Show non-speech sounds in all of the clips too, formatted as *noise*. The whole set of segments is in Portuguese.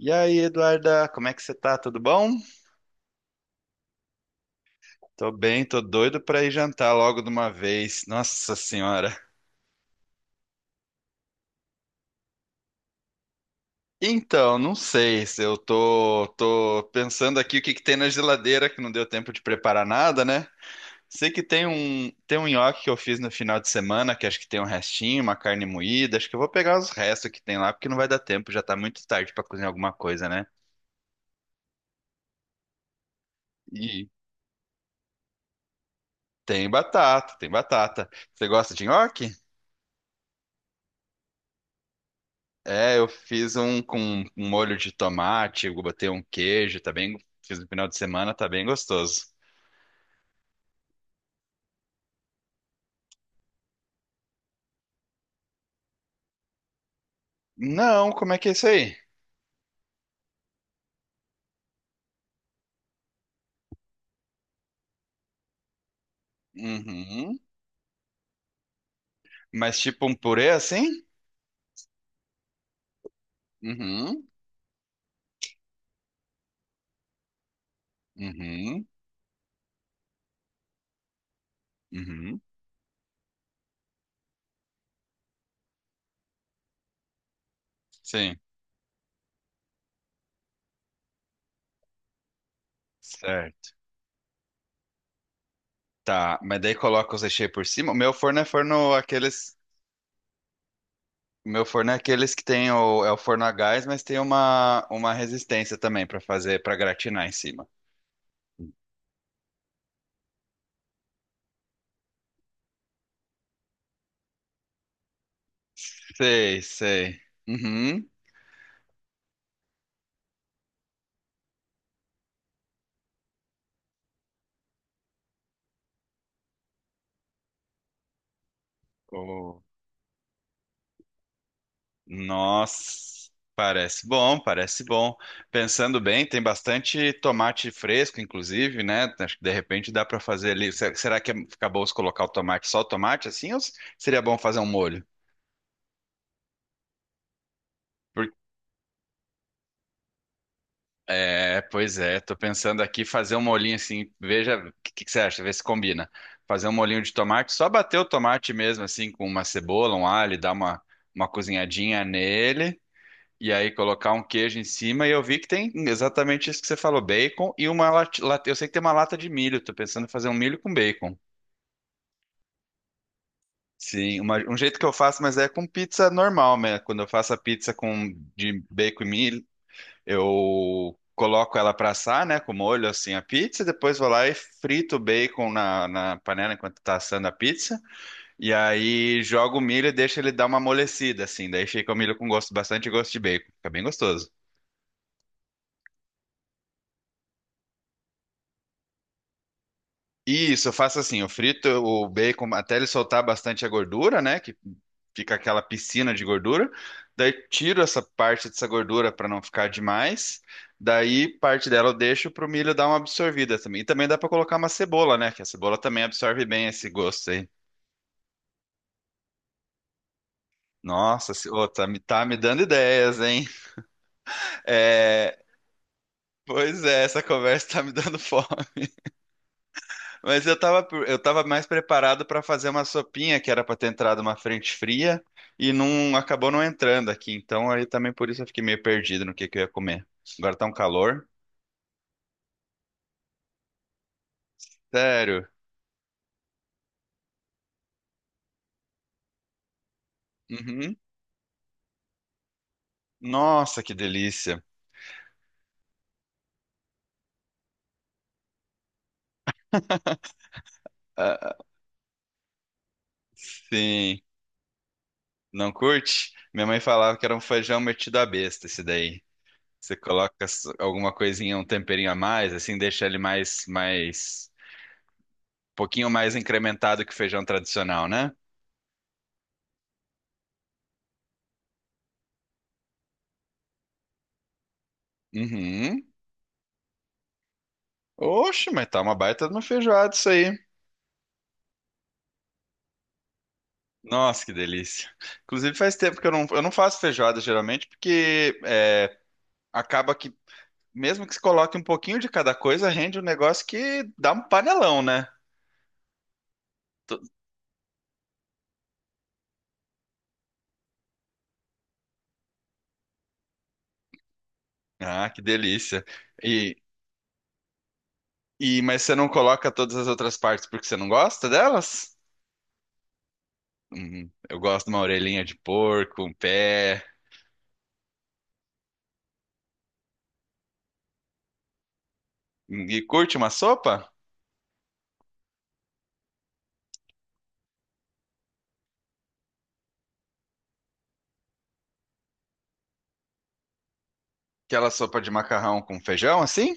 E aí, Eduarda, como é que você tá? Tudo bom? Tô bem, tô doido pra ir jantar logo de uma vez. Nossa Senhora. Então, não sei se eu tô pensando aqui o que que tem na geladeira que não deu tempo de preparar nada, né? Sei que tem um nhoque que eu fiz no final de semana, que acho que tem um restinho, uma carne moída. Acho que eu vou pegar os restos que tem lá, porque não vai dar tempo, já tá muito tarde pra cozinhar alguma coisa, né? E tem batata, tem batata. Você gosta de nhoque? É, eu fiz um com um molho de tomate, eu botei um queijo, tá bem, fiz no final de semana, tá bem gostoso. Não, como é que é isso aí? Uhum. Mas tipo um purê assim? Uhum. Uhum. Uhum. Sim. Certo. Tá, mas daí coloca os recheios por cima. O meu forno é forno aqueles, o meu forno é aqueles que tem o é o forno a gás, mas tem uma resistência também pra fazer, pra gratinar em cima. Sei, sei. Uhum. O- Nossa, parece bom, parece bom. Pensando bem, tem bastante tomate fresco, inclusive, né? Acho que de repente dá para fazer ali. Será que fica bom se colocar o tomate, só o tomate assim, ou seria bom fazer um molho? Por- É, pois é, tô pensando aqui fazer um molhinho assim, veja, o que você acha? Vê se combina. Fazer um molhinho de tomate, só bater o tomate mesmo assim com uma cebola, um alho, dar uma cozinhadinha nele. E aí colocar um queijo em cima e eu vi que tem exatamente isso que você falou, bacon e uma lata, eu sei que tem uma lata de milho, tô pensando em fazer um milho com bacon. Sim, um jeito que eu faço, mas é com pizza normal, né? Quando eu faço a pizza com de bacon e milho, eu coloco ela pra assar, né, com molho assim a pizza, e depois vou lá e frito o bacon na panela enquanto tá assando a pizza, e aí jogo o milho e deixo ele dar uma amolecida assim, daí fica o milho com gosto bastante gosto de bacon, fica bem gostoso. Isso, eu faço assim, eu frito o bacon até ele soltar bastante a gordura, né? Que fica aquela piscina de gordura. Daí tiro essa parte dessa gordura para não ficar demais. Daí parte dela eu deixo pro milho dar uma absorvida também. E também dá para colocar uma cebola, né? Que a cebola também absorve bem esse gosto aí. Nossa, ô, tá me dando ideias, hein? É, pois é, essa conversa tá me dando *laughs* fome. Mas eu tava, eu tava mais preparado para fazer uma sopinha que era para ter entrado uma frente fria e não acabou não entrando aqui. Então aí também por isso eu fiquei meio perdido no que eu ia comer. Agora tá um calor. Sério. Uhum. Nossa, que delícia. Ah, sim. Não curte? Minha mãe falava que era um feijão metido à besta esse daí. Você coloca alguma coisinha, um temperinho a mais, assim, deixa ele um pouquinho mais incrementado que o feijão tradicional, né? Uhum. Oxe, mas tá uma baita de uma feijoada isso aí. Nossa, que delícia. Inclusive, faz tempo que eu não faço feijoada geralmente, porque acaba que, mesmo que se coloque um pouquinho de cada coisa, rende um negócio que dá um panelão, né? To- Ah, que delícia. E, e mas você não coloca todas as outras partes porque você não gosta delas? Uhum. Eu gosto de uma orelhinha de porco, um pé. E curte uma sopa? Aquela sopa de macarrão com feijão, assim?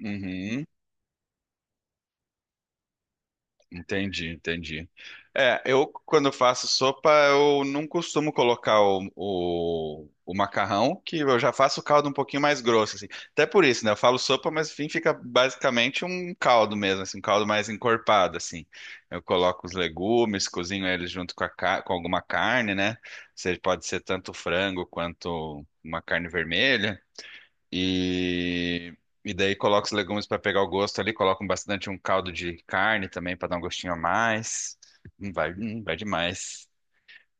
Uhum. Entendi, entendi. É, eu quando faço sopa, eu não costumo colocar o macarrão, que eu já faço o caldo um pouquinho mais grosso, assim. Até por isso, né? Eu falo sopa, mas enfim, fica basicamente um caldo mesmo, assim, um caldo mais encorpado, assim. Eu coloco os legumes, cozinho eles junto com, com alguma carne, né? Seja, pode ser tanto frango quanto uma carne vermelha. E, e daí coloca os legumes para pegar o gosto ali, coloca bastante um caldo de carne também para dar um gostinho a mais. Vai, vai demais.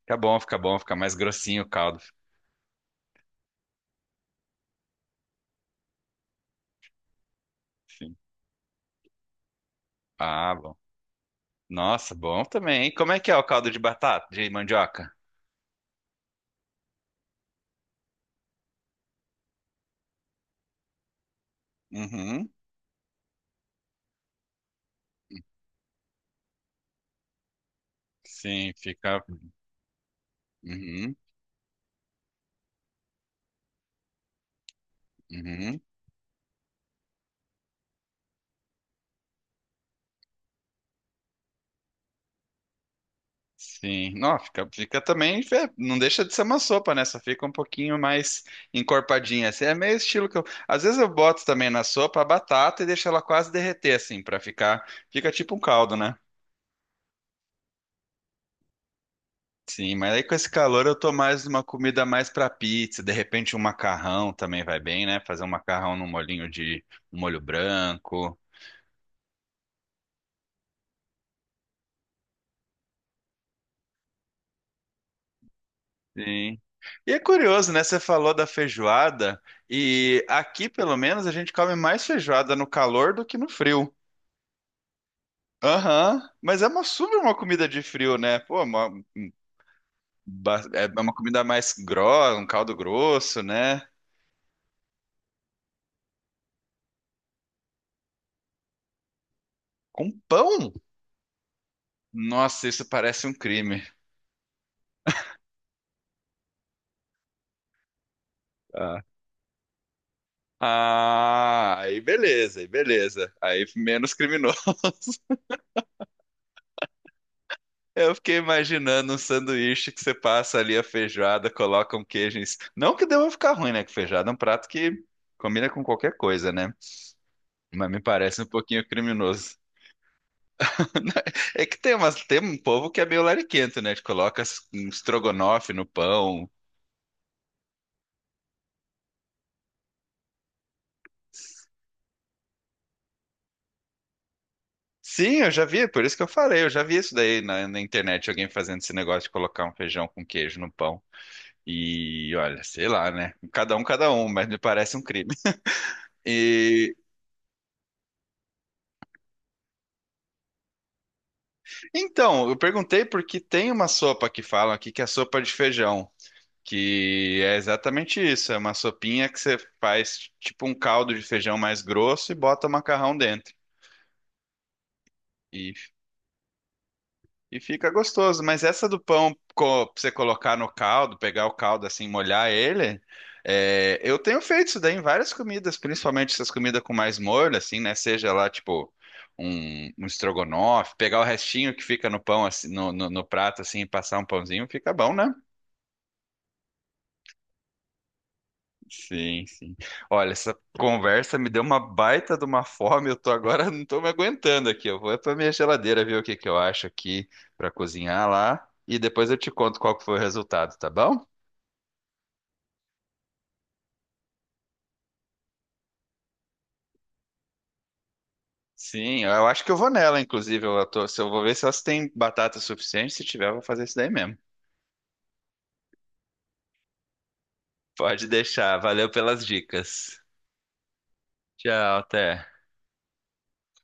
Fica bom, fica bom, fica mais grossinho o caldo. Sim. Ah, bom. Nossa, bom também, hein? Como é que é o caldo de batata, de mandioca? Uhum. Sim, fica. Uhum, uhum. Sim, não, fica, fica também, não deixa de ser uma sopa, né? Só fica um pouquinho mais encorpadinha, assim. É meio estilo que eu, às vezes eu boto também na sopa a batata e deixo ela quase derreter, assim, pra ficar, fica tipo um caldo, né? Sim, mas aí com esse calor eu tô mais uma comida mais pra pizza, de repente um macarrão também vai bem, né? Fazer um macarrão num molhinho de um molho branco. Sim. E é curioso, né? Você falou da feijoada e aqui, pelo menos, a gente come mais feijoada no calor do que no frio. Aham, mas é uma super uma comida de frio, né? Pô, uma, é é uma comida mais grossa, um caldo grosso, né? Com pão? Nossa, isso parece um crime. Ah, Ah, aí beleza, aí beleza. Aí menos criminoso. *laughs* Eu fiquei imaginando um sanduíche que você passa ali a feijoada, coloca um queijo em cima. Não que deva ficar ruim, né? Que feijoada é um prato que combina com qualquer coisa, né? Mas me parece um pouquinho criminoso. É que tem umas, tem um povo que é meio lariquento, né? Que coloca um estrogonofe no pão. Sim, eu já vi, por isso que eu falei, eu já vi isso daí na internet, alguém fazendo esse negócio de colocar um feijão com queijo no pão. E olha, sei lá, né? Cada um, mas me parece um crime. *laughs* E então, eu perguntei porque tem uma sopa que falam aqui que é sopa de feijão, que é exatamente isso, é uma sopinha que você faz tipo um caldo de feijão mais grosso e bota o macarrão dentro. E fica gostoso, mas essa do pão pra você colocar no caldo, pegar o caldo assim, molhar ele, é, eu tenho feito isso daí em várias comidas, principalmente essas comidas com mais molho, assim, né? Seja lá, tipo, um estrogonofe, pegar o restinho que fica no pão, assim, no prato, assim, e passar um pãozinho, fica bom, né? Sim, sim. Olha, essa conversa me deu uma baita de uma fome. Eu tô agora, *laughs* não tô me aguentando aqui. Eu vou é pra minha geladeira ver o que que eu acho aqui pra cozinhar lá e depois eu te conto qual que foi o resultado, tá bom? Sim, eu acho que eu vou nela, inclusive. Eu tô, se eu vou ver se elas têm batata suficiente. Se tiver, eu vou fazer isso daí mesmo. Pode deixar. Valeu pelas dicas. Tchau, até.